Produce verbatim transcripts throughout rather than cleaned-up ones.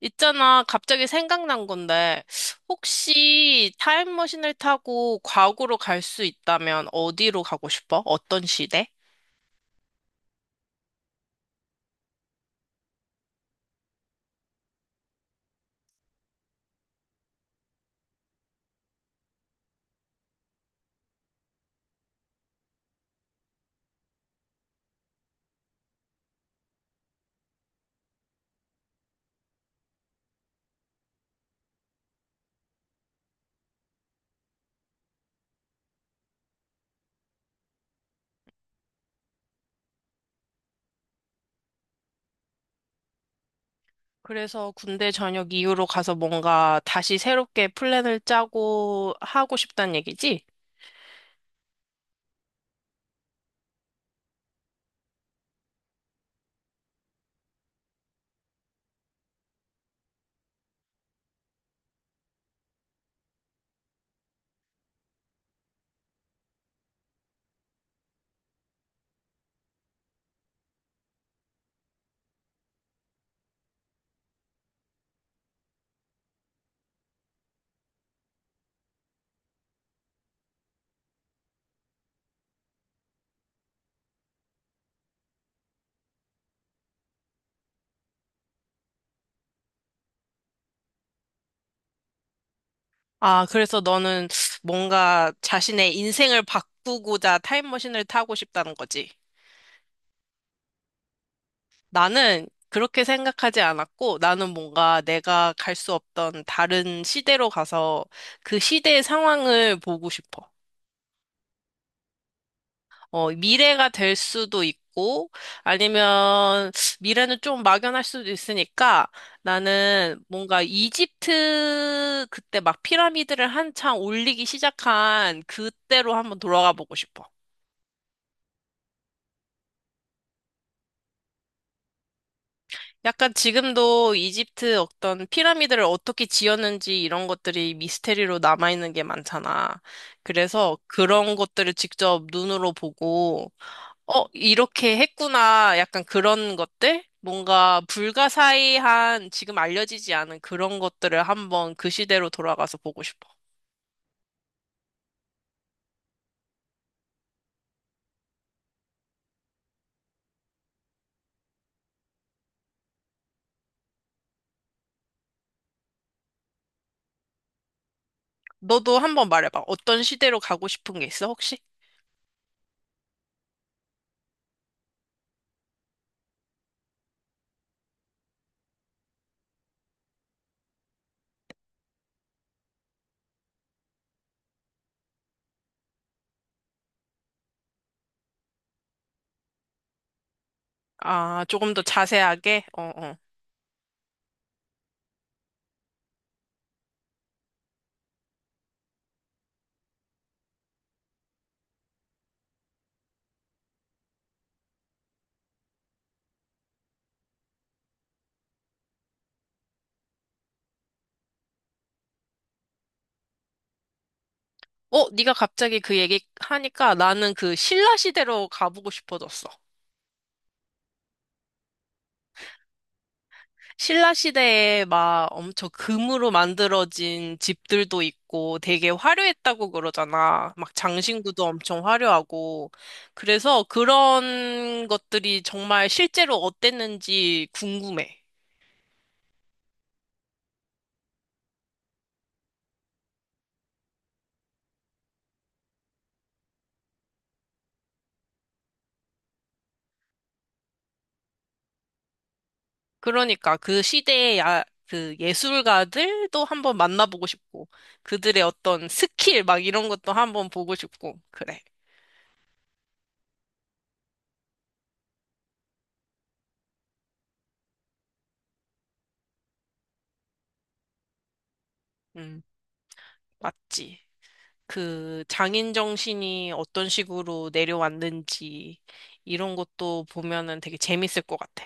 있잖아, 갑자기 생각난 건데, 혹시 타임머신을 타고 과거로 갈 수 있다면 어디로 가고 싶어? 어떤 시대? 그래서 군대 전역 이후로 가서 뭔가 다시 새롭게 플랜을 짜고 하고 싶단 얘기지? 아, 그래서 너는 뭔가 자신의 인생을 바꾸고자 타임머신을 타고 싶다는 거지? 나는 그렇게 생각하지 않았고, 나는 뭔가 내가 갈 수 없던 다른 시대로 가서 그 시대의 상황을 보고 싶어. 어, 미래가 될 수도 있고, 아니면 미래는 좀 막연할 수도 있으니까 나는 뭔가 이집트 그때 막 피라미드를 한창 올리기 시작한 그때로 한번 돌아가 보고 싶어. 약간 지금도 이집트 어떤 피라미드를 어떻게 지었는지 이런 것들이 미스테리로 남아있는 게 많잖아. 그래서 그런 것들을 직접 눈으로 보고, 어, 이렇게 했구나. 약간 그런 것들? 뭔가 불가사의한 지금 알려지지 않은 그런 것들을 한번 그 시대로 돌아가서 보고 싶어. 너도 한번 말해봐. 어떤 시대로 가고 싶은 게 있어, 혹시? 아, 조금 더 자세하게? 어, 어. 어, 네가 갑자기 그 얘기 하니까 나는 그 신라 시대로 가보고 싶어졌어. 신라 시대에 막 엄청 금으로 만들어진 집들도 있고 되게 화려했다고 그러잖아. 막 장신구도 엄청 화려하고. 그래서 그런 것들이 정말 실제로 어땠는지 궁금해. 그러니까 그 시대의 야, 그 예술가들도 한번 만나보고 싶고, 그들의 어떤 스킬 막 이런 것도 한번 보고 싶고, 그래. 음, 맞지. 그 장인 정신이 어떤 식으로 내려왔는지 이런 것도 보면은 되게 재밌을 것 같아.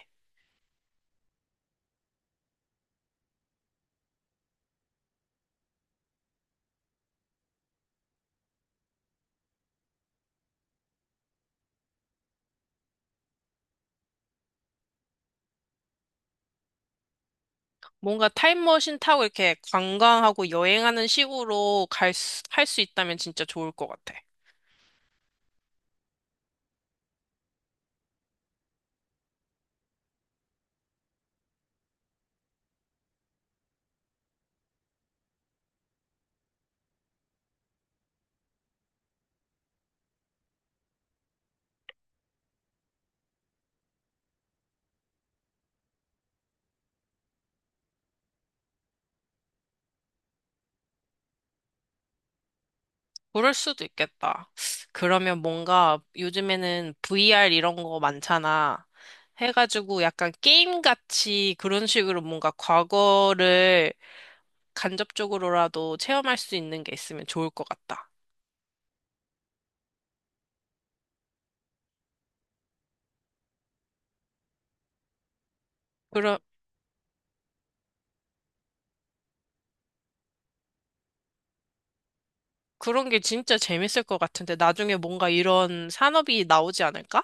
뭔가 타임머신 타고 이렇게 관광하고 여행하는 식으로 갈 수, 할 수 있다면 진짜 좋을 것 같아. 그럴 수도 있겠다. 그러면 뭔가 요즘에는 브이아르 이런 거 많잖아. 해가지고 약간 게임같이 그런 식으로 뭔가 과거를 간접적으로라도 체험할 수 있는 게 있으면 좋을 것 같다. 그런, 그런 게 진짜 재밌을 것 같은데 나중에 뭔가 이런 산업이 나오지 않을까?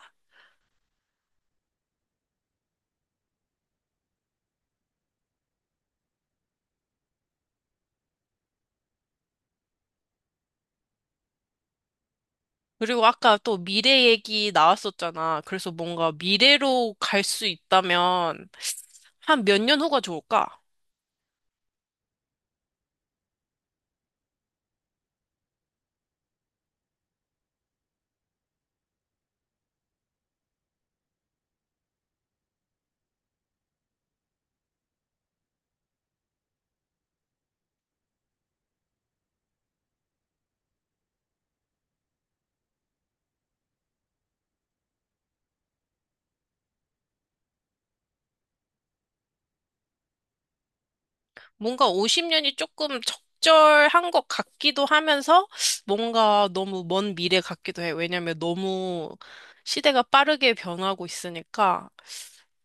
그리고 아까 또 미래 얘기 나왔었잖아. 그래서 뭔가 미래로 갈 수 있다면 한 몇 년 후가 좋을까? 뭔가 오십 년이 조금 적절한 것 같기도 하면서 뭔가 너무 먼 미래 같기도 해. 왜냐면 너무 시대가 빠르게 변하고 있으니까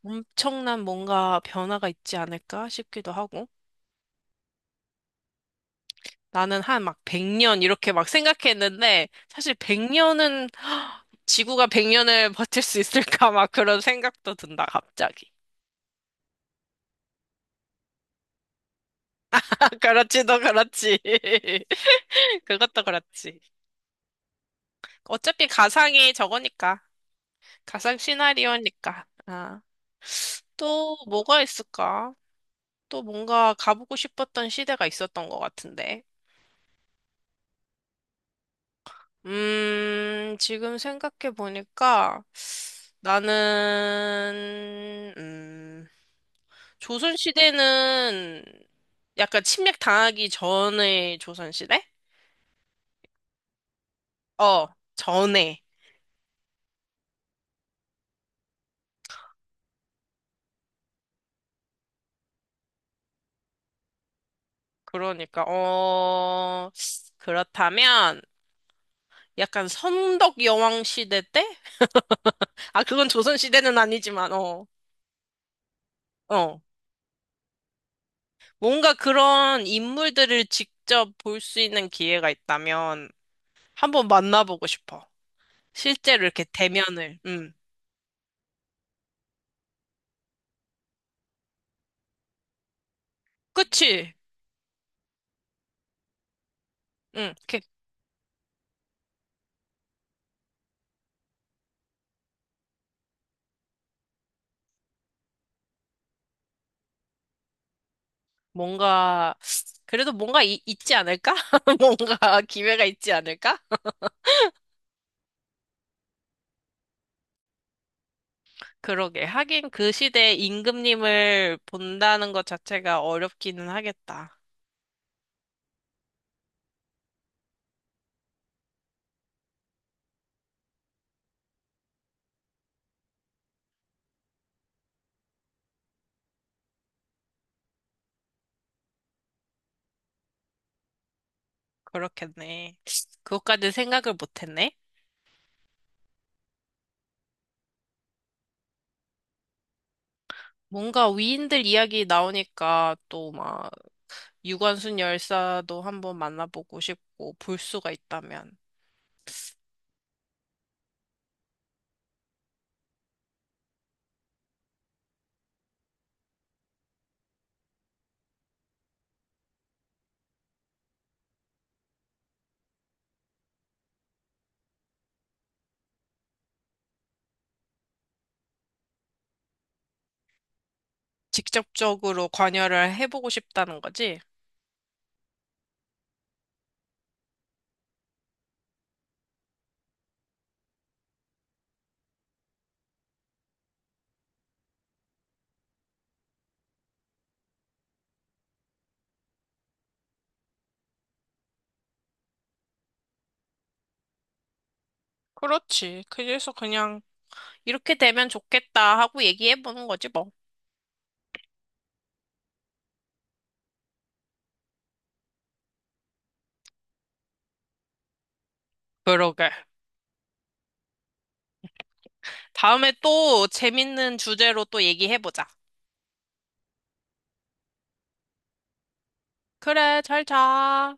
엄청난 뭔가 변화가 있지 않을까 싶기도 하고. 나는 한 막 백 년 이렇게 막 생각했는데 사실 백 년은 지구가 백 년을 버틸 수 있을까 막 그런 생각도 든다 갑자기. 아, 그렇지, 너 그렇지. 그것도 그렇지. 어차피 가상이 저거니까. 가상 시나리오니까. 아, 또 뭐가 있을까? 또 뭔가 가보고 싶었던 시대가 있었던 것 같은데. 음, 지금 생각해 보니까 나는, 음, 조선 시대는 약간 침략 당하기 전의 조선 시대? 어, 전에. 그러니까, 어, 그렇다면 약간 선덕 여왕 시대 때? 아, 그건 조선 시대는 아니지만, 어. 어, 뭔가 그런 인물들을 직접 볼 수 있는 기회가 있다면 한번 만나보고 싶어. 실제로 이렇게 대면을. 응. 그치? 응. 이렇게 뭔가, 그래도 뭔가 이- 있지 않을까? 뭔가 기회가 있지 않을까? 그러게. 하긴 그 시대에 임금님을 본다는 것 자체가 어렵기는 하겠다. 그렇겠네. 그것까지 생각을 못했네. 뭔가 위인들 이야기 나오니까 또막 유관순 열사도 한번 만나보고 싶고 볼 수가 있다면 직접적으로 관여를 해보고 싶다는 거지? 그렇지. 그래서 그냥 이렇게 되면 좋겠다 하고 얘기해보는 거지 뭐. 그러게. 다음에 또 재밌는 주제로 또 얘기해보자. 그래, 잘 자.